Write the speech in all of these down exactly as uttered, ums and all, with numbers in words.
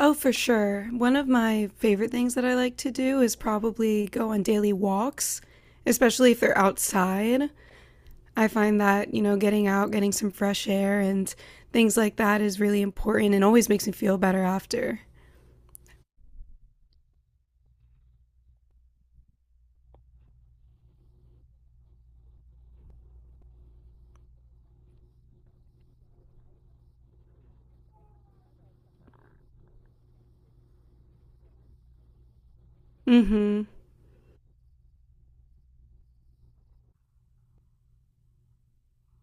Oh, for sure. One of my favorite things that I like to do is probably go on daily walks, especially if they're outside. I find that, you know, getting out, getting some fresh air and things like that is really important and always makes me feel better after. Mhm.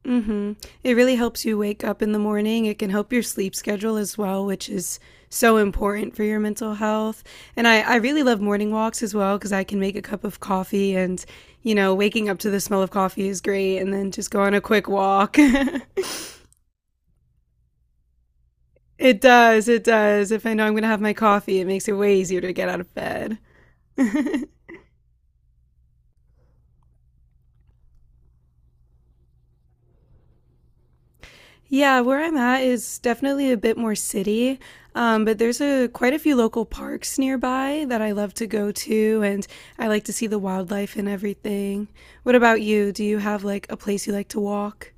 Mm-hmm. It really helps you wake up in the morning. It can help your sleep schedule as well, which is so important for your mental health. And I, I really love morning walks as well because I can make a cup of coffee and, you know, waking up to the smell of coffee is great and then just go on a quick walk. It does, it does. If I know I'm going to have my coffee, it makes it way easier to get out of bed. Yeah, where I'm at is definitely a bit more city, um, but there's a quite a few local parks nearby that I love to go to, and I like to see the wildlife and everything. What about you? Do you have like a place you like to walk?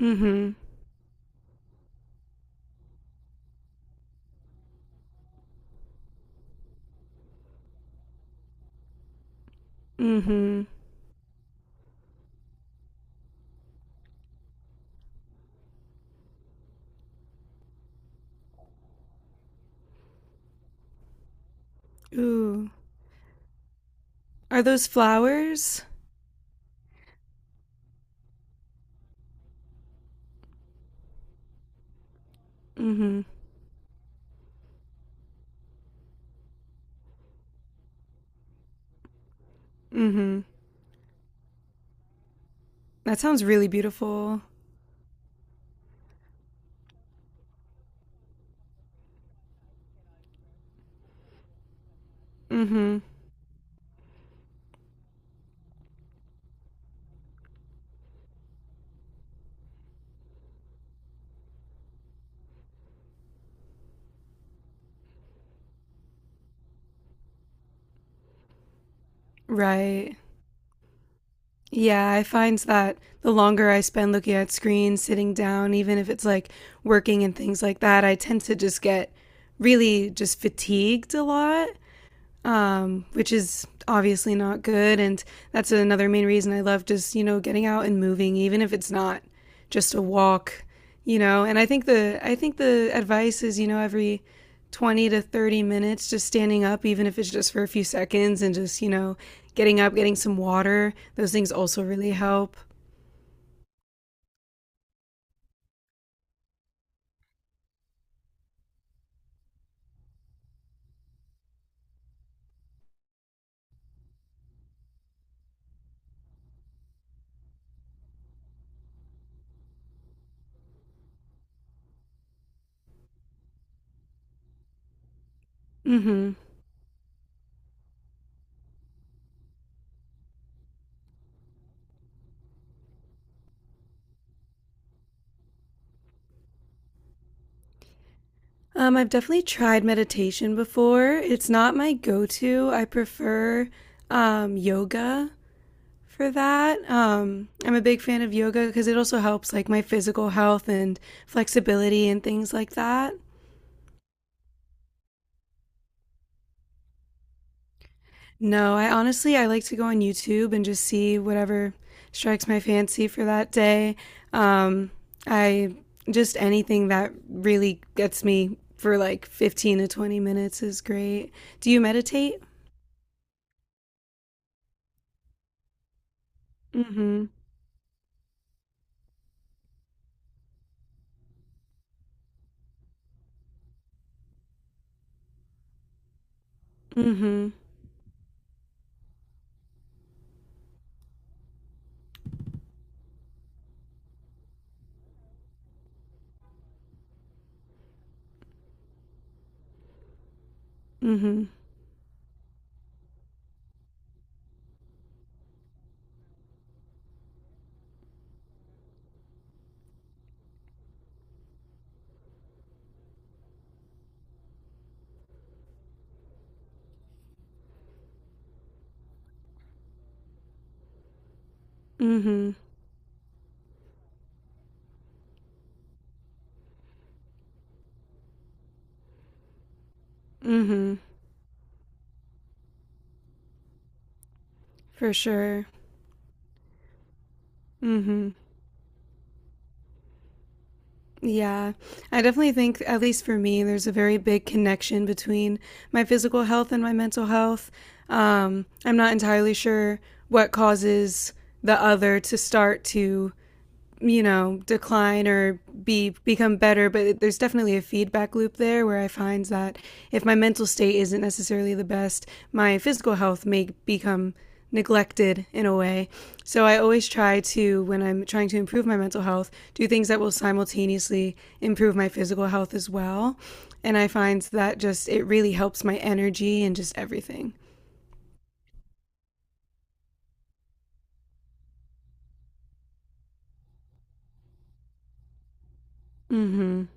Mm-hmm. Mm-hmm. Ooh. Are those flowers? Mm-hmm. Mm-hmm. That sounds really beautiful. Mm-hmm. Right. Yeah, I find that the longer I spend looking at screens, sitting down, even if it's like working and things like that, I tend to just get really just fatigued a lot, um, which is obviously not good. And that's another main reason I love just, you know, getting out and moving, even if it's not just a walk, you know. And I think the I think the advice is, you know, every twenty to thirty minutes just standing up even if it's just for a few seconds and just, you know, getting up, getting some water. Those things also really help. Mhm. Um, I've definitely tried meditation before. It's not my go to. I prefer um, yoga for that, um, I'm a big fan of yoga because it also helps like my physical health and flexibility and things like that. No, I honestly I like to go on YouTube and just see whatever strikes my fancy for that day. Um, I Just anything that really gets me for like fifteen to twenty minutes is great. Do you meditate? Mm-hmm. Mm-hmm. Mm-hmm. Mm-hmm. Mm-hmm. For sure. Mm-hmm. Yeah, I definitely think, at least for me, there's a very big connection between my physical health and my mental health. Um, I'm not entirely sure what causes the other to start to you know, decline or be become better, but there's definitely a feedback loop there where I find that if my mental state isn't necessarily the best, my physical health may become neglected in a way. So I always try to when I'm trying to improve my mental health, do things that will simultaneously improve my physical health as well. And I find that just it really helps my energy and just everything. Mhm.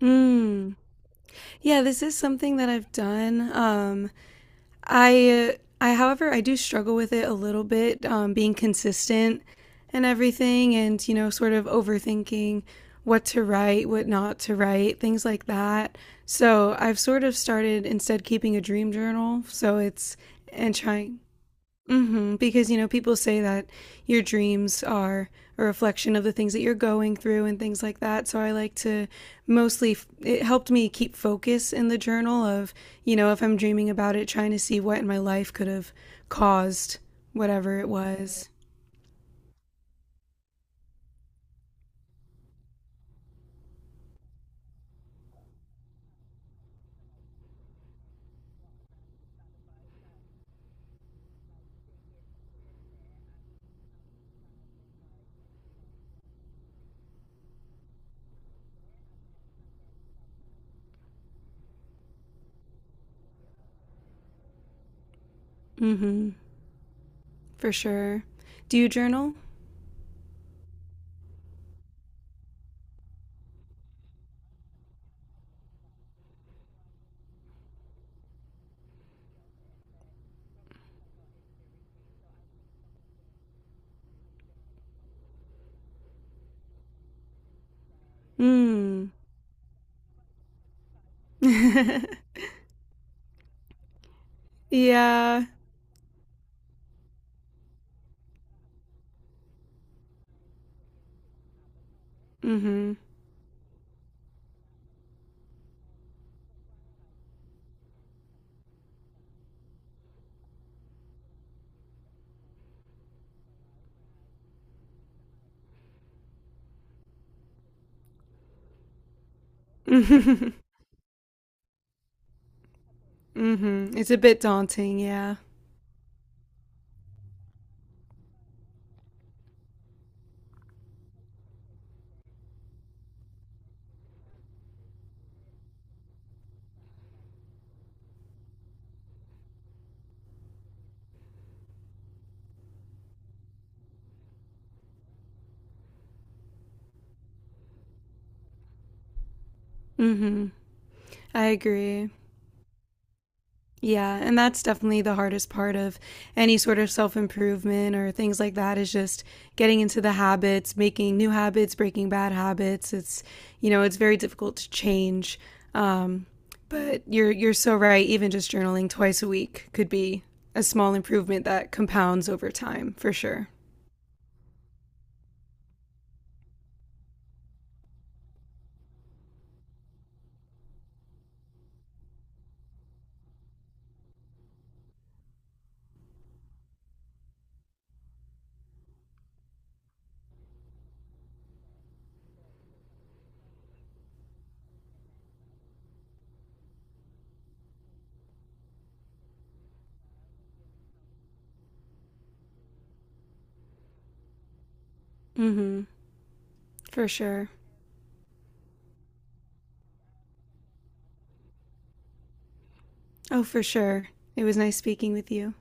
Mm. Yeah, this is something that I've done. Um, I I However, I do struggle with it a little bit, um, being consistent and everything, and you know sort of overthinking what to write, what not to write, things like that. So I've sort of started instead keeping a dream journal. So it's and trying. Hmm. Because, you know, people say that your dreams are a reflection of the things that you're going through and things like that. So I like to mostly, it helped me keep focus in the journal of, you know, if I'm dreaming about it, trying to see what in my life could have caused whatever it was. Hmm. For sure. Do you journal? Mm. Yeah. Hmm. Hmm. Hmm. It's a bit daunting. Yeah. Hmm. I agree. Yeah, and that's definitely the hardest part of any sort of self improvement or things like that is just getting into the habits, making new habits, breaking bad habits. It's, you know, it's very difficult to change. Um, but you're you're so right. Even just journaling twice a week could be a small improvement that compounds over time, for sure. Hmm. For sure. Oh, for sure. It was nice speaking with you.